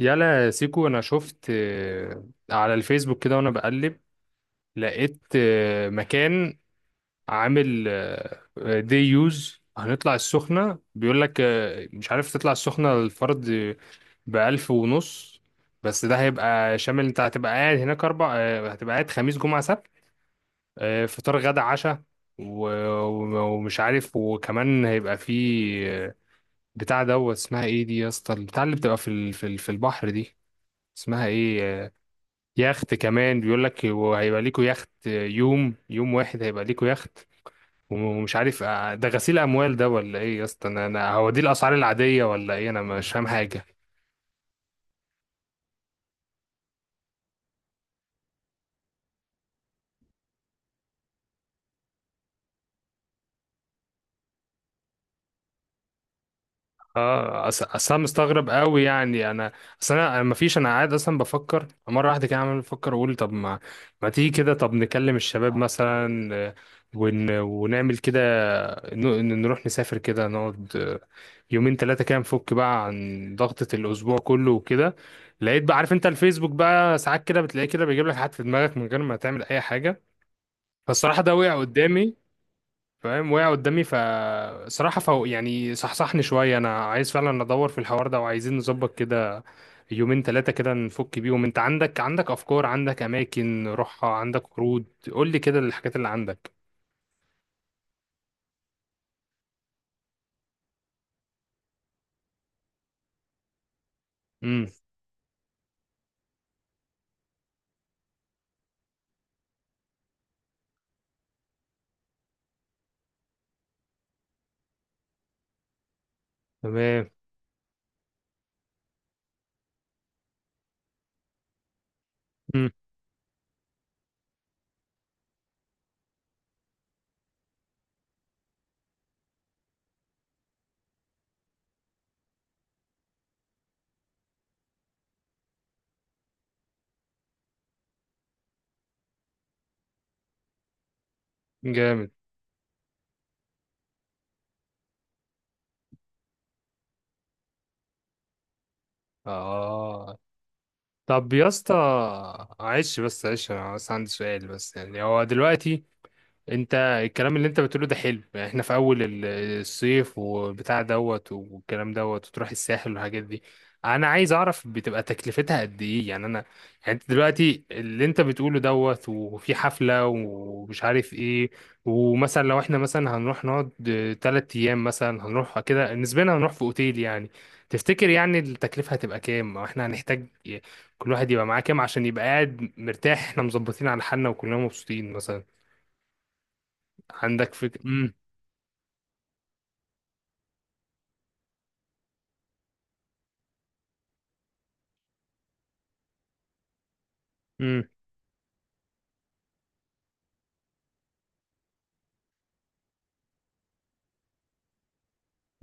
يلا يا سيكو، انا شفت على الفيسبوك كده، وانا بقلب لقيت مكان عامل دي يوز. هنطلع السخنة بيقول لك مش عارف، تطلع السخنة الفرد بألف ونص، بس ده هيبقى شامل. انت هتبقى قاعد هناك اربع هتبقى قاعد خميس جمعة سبت، فطار غدا عشاء، و- ومش عارف، وكمان هيبقى فيه بتاع دوت. اسمها ايه دي يا اسطى، البتاع اللي بتبقى في البحر دي، اسمها ايه؟ يخت. كمان بيقول لك وهيبقى ليكوا يخت، يوم يوم واحد هيبقى ليكوا يخت. ومش عارف ده غسيل اموال ده ولا ايه يا اسطى؟ انا هو دي الاسعار العاديه ولا ايه؟ انا مش فاهم حاجه. اه اصل انا مستغرب قوي، يعني انا اصل انا ما فيش، انا قاعد اصلا بفكر مره واحده كده، عمال بفكر اقول طب ما تيجي كده، طب نكلم الشباب مثلا ونعمل كده، نروح نسافر كده نقعد يومين ثلاثة كده، نفك بقى عن ضغطة الأسبوع كله وكده. لقيت بقى، عارف أنت الفيسبوك بقى ساعات كده بتلاقيه كده بيجيب لك حاجات في دماغك من غير ما تعمل أي حاجة، فالصراحة ده وقع قدامي. فاهم، وقع قدامي، فصراحة فهو يعني صحصحني شوية، أنا عايز فعلا أدور في الحوار ده، وعايزين نظبط كده يومين ثلاثة كده نفك بيهم. أنت عندك أفكار، عندك أماكن روحها، عندك عروض؟ قول لي كده الحاجات اللي عندك. امم. تمام. امم. جامد. اه. طب يا اسطى عيش بس عيش، انا بس عندي سؤال بس، يعني هو دلوقتي انت الكلام اللي انت بتقوله ده حلو، يعني احنا في اول الصيف وبتاع دوت والكلام دوت وتروح الساحل والحاجات دي. انا عايز اعرف بتبقى تكلفتها قد ايه؟ يعني انا يعني انت دلوقتي اللي انت بتقوله دوت وفي حفلة ومش عارف ايه، ومثلا لو احنا مثلا هنروح نقعد 3 ايام مثلا، هنروح كده نسبيا هنروح في اوتيل يعني، تفتكر يعني التكلفة هتبقى كام؟ او احنا هنحتاج كل واحد يبقى معاه كام عشان يبقى قاعد مرتاح، احنا مظبطين على حالنا وكلنا مبسوطين مثلا؟ عندك فكرة؟ امم. امم.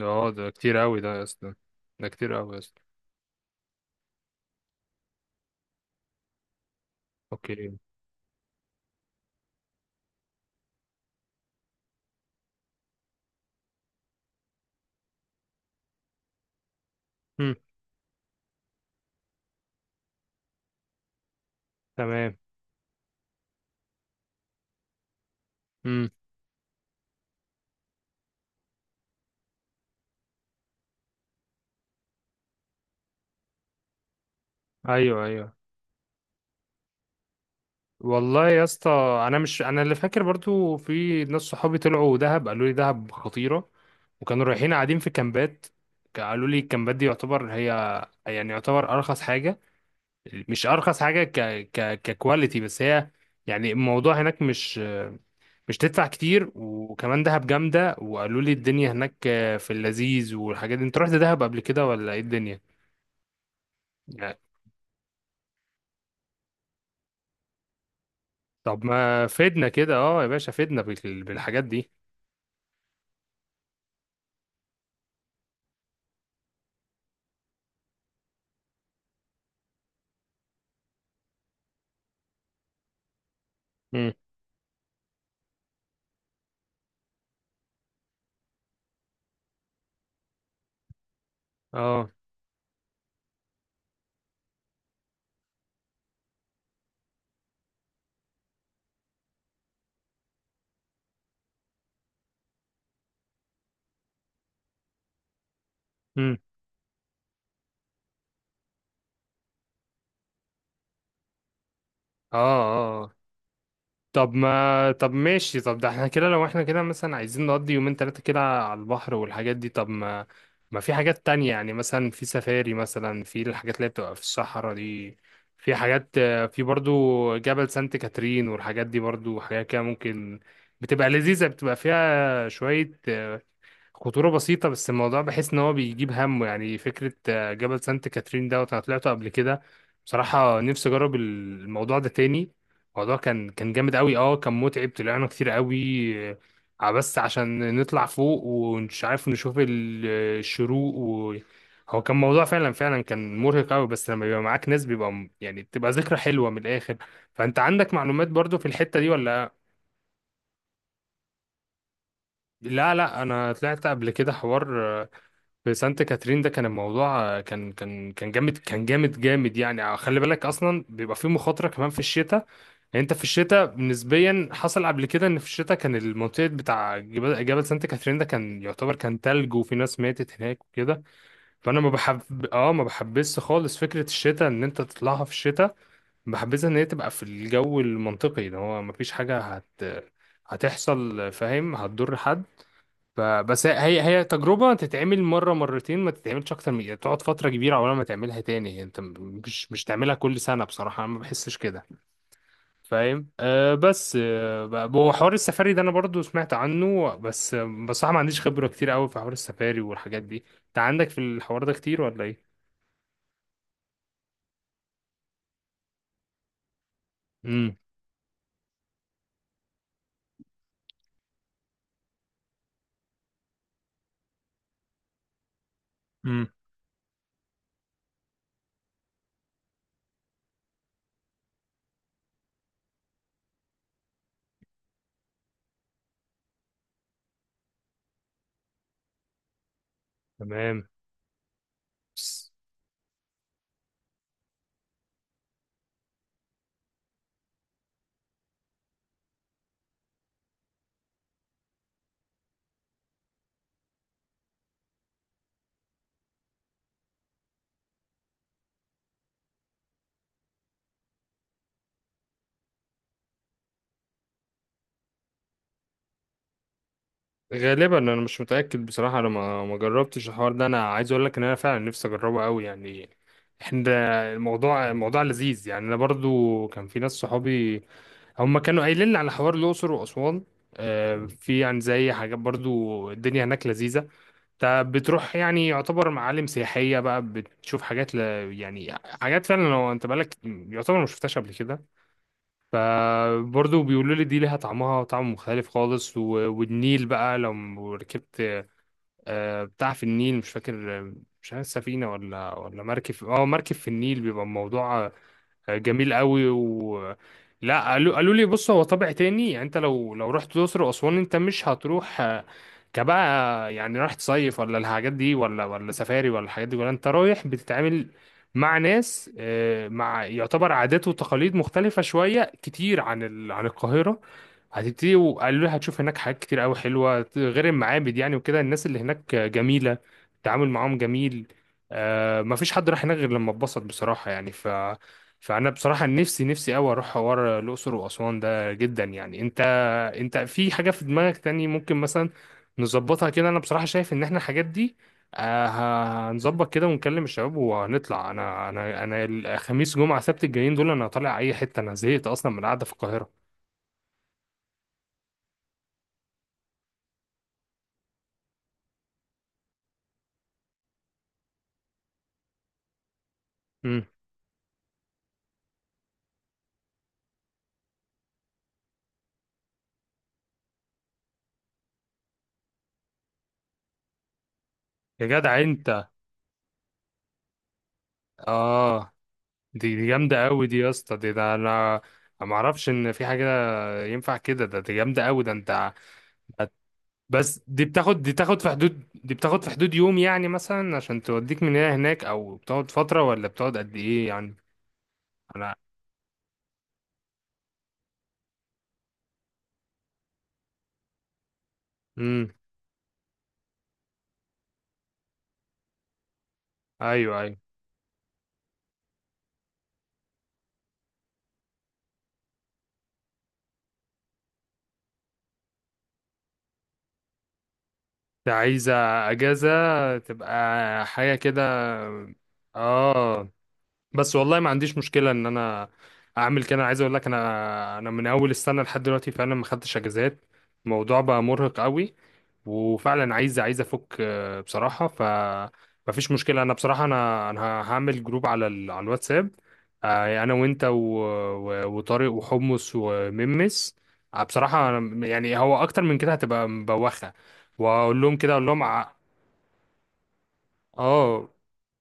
اه، ده كتير قوي ده يا اسطى، ده كتير قوي يا اسطى. اوكي. امم. تمام. امم. ايوه ايوه. والله يا اسطى، انا مش انا اللي فاكر، برضو في ناس صحابي طلعوا دهب قالوا لي دهب خطيرة، وكانوا رايحين قاعدين في كامبات. قالوا لي الكامبات دي يعتبر هي، يعني يعتبر ارخص حاجة، مش ارخص حاجة ك ككواليتي، بس هي يعني الموضوع هناك مش، مش تدفع كتير، وكمان دهب جامدة. وقالوا لي الدنيا هناك في اللذيذ والحاجات دي. انت رحت دهب قبل كده ولا ايه الدنيا يعني؟ طب ما فدنا كده، اه يا باشا فدنا بالحاجات دي. مم. اه. مم. اه اه اه. طب ما، طب ماشي، طب ده احنا كده لو احنا كده مثلا عايزين نقضي يومين تلاتة كده على البحر والحاجات دي، طب ما ما في حاجات تانية؟ يعني مثلا في سفاري، مثلا في الحاجات اللي هي بتبقى في الصحراء دي، في حاجات في برضو جبل سانت كاترين والحاجات دي، برضو حاجات كده ممكن بتبقى لذيذة، بتبقى فيها شوية خطورة بسيطة، بس الموضوع بحس إن هو بيجيب همه. يعني فكرة جبل سانت كاترين دوت، أنا طلعته قبل كده. بصراحة نفسي أجرب الموضوع ده تاني. الموضوع كان جامد أوي، أه كان متعب، طلعنا كتير أوي، بس عشان نطلع فوق، ومش عارف نشوف الشروق هو كان موضوع فعلا، فعلا كان مرهق أوي، بس لما بيبقى معاك ناس بيبقى يعني بتبقى ذكرى حلوة من الآخر. فأنت عندك معلومات برضو في الحتة دي ولا؟ لا لا، أنا طلعت قبل كده حوار، في سانت كاترين ده. كان الموضوع كان جامد، كان جامد جامد يعني. خلي بالك اصلا بيبقى فيه مخاطره كمان في الشتاء، يعني انت في الشتاء نسبيا حصل قبل كده ان في الشتاء كان المنطقه بتاع جبل سانت كاترين ده كان يعتبر كان تلج، وفي ناس ماتت هناك وكده، فانا ما بحب، اه ما بحبش خالص فكره الشتاء ان انت تطلعها في الشتاء. بحبذها ان هي تبقى في الجو المنطقي ده، هو ما فيش حاجه هتحصل، فاهم، هتضر حد. فبس هي، هي تجربة تتعمل مرة مرتين، ما تتعملش أكتر، من تقعد فترة كبيرة عقبال ما تعملها تاني، يعني أنت مش تعملها كل سنة، بصراحة أنا ما بحسش كده، فاهم. أه بس هو حوار السفاري ده أنا برضو سمعت عنه، بس بصراحة ما عنديش خبرة كتير قوي في حوار السفاري والحاجات دي. أنت عندك في الحوار ده كتير ولا إيه؟ امم. امم. تمام. غالبا انا مش متاكد بصراحه، انا ما جربتش الحوار ده. انا عايز اقول لك ان انا فعلا نفسي اجربه قوي، يعني احنا، الموضوع لذيذ، يعني انا برضو كان في ناس صحابي هم كانوا قايلين لي على حوار الاقصر واسوان. في يعني زي حاجات برضو الدنيا هناك لذيذه، انت بتروح يعني يعتبر معالم سياحيه بقى، بتشوف حاجات يعني حاجات فعلا لو انت بالك يعتبر ما شفتهاش قبل كده. فبرضو بيقولوا لي دي ليها طعمها، طعم مختلف خالص، والنيل بقى لو ركبت بتاع في النيل، مش فاكر مش عارف سفينة ولا مركب، اه مركب في النيل بيبقى الموضوع جميل قوي و. لا قالوا لي بص، هو طابع تاني، يعني انت لو رحت الاقصر واسوان انت مش هتروح كبقى يعني رايح تصيف ولا الحاجات دي، ولا سفاري ولا الحاجات دي، ولا انت رايح بتتعامل مع ناس، مع يعتبر عادات وتقاليد مختلفة شوية كتير عن عن القاهرة هتبتدي. وقالوا لي هتشوف هناك حاجات كتير قوي حلوة غير المعابد، يعني وكده الناس اللي هناك جميلة، التعامل معاهم جميل. مفيش حد راح هناك غير لما اتبسط بصراحة يعني، ف فانا بصراحه نفسي نفسي قوي اروح حوار الاقصر واسوان ده جدا، يعني انت، انت في حاجه في دماغك تاني ممكن مثلا نظبطها كده؟ انا بصراحه شايف ان احنا الحاجات دي هنظبط كده ونكلم الشباب وهنطلع. انا انا الخميس جمعه سبت الجايين دول انا طالع اي حته، انا زهقت اصلا من القعده في القاهره. امم. يا جدع انت، اه دي جامده قوي دي يا اسطى، دي ده انا ما اعرفش ان في حاجه ينفع كده، ده دي جامده قوي ده انت. بس دي بتاخد، دي تاخد في حدود، دي بتاخد في حدود يوم، يعني مثلا عشان توديك من هنا هناك، او بتقعد فترة، ولا بتقعد قد ايه يعني؟ انا امم. ايوه ايوه. انت عايزة اجازة تبقى حاجة كده؟ اه، بس والله ما عنديش مشكلة ان انا اعمل كده. انا عايز اقول لك، انا انا من اول السنة لحد دلوقتي فعلا ما خدتش اجازات، الموضوع بقى مرهق قوي، وفعلا عايز، عايز افك بصراحه. ف مفيش مشكله، انا بصراحه انا انا هعمل جروب على على الواتساب، انا وانت وطارق وحمص وممس، بصراحه يعني هو اكتر من كده هتبقى مبوخه. واقول لهم كده، اقول لهم اه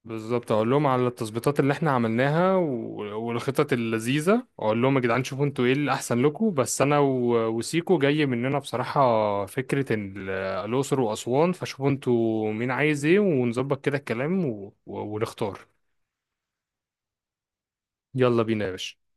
بالظبط، اقول لهم على التظبيطات اللي احنا عملناها والخطط اللذيذه. اقول لهم يا جدعان شوفوا انتوا ايه اللي احسن لكم، بس انا وسيكو جاي مننا بصراحه فكره الاقصر واسوان. فشوفوا انتوا مين عايز ايه ونظبط كده الكلام ونختار. يلا بينا يا باشا.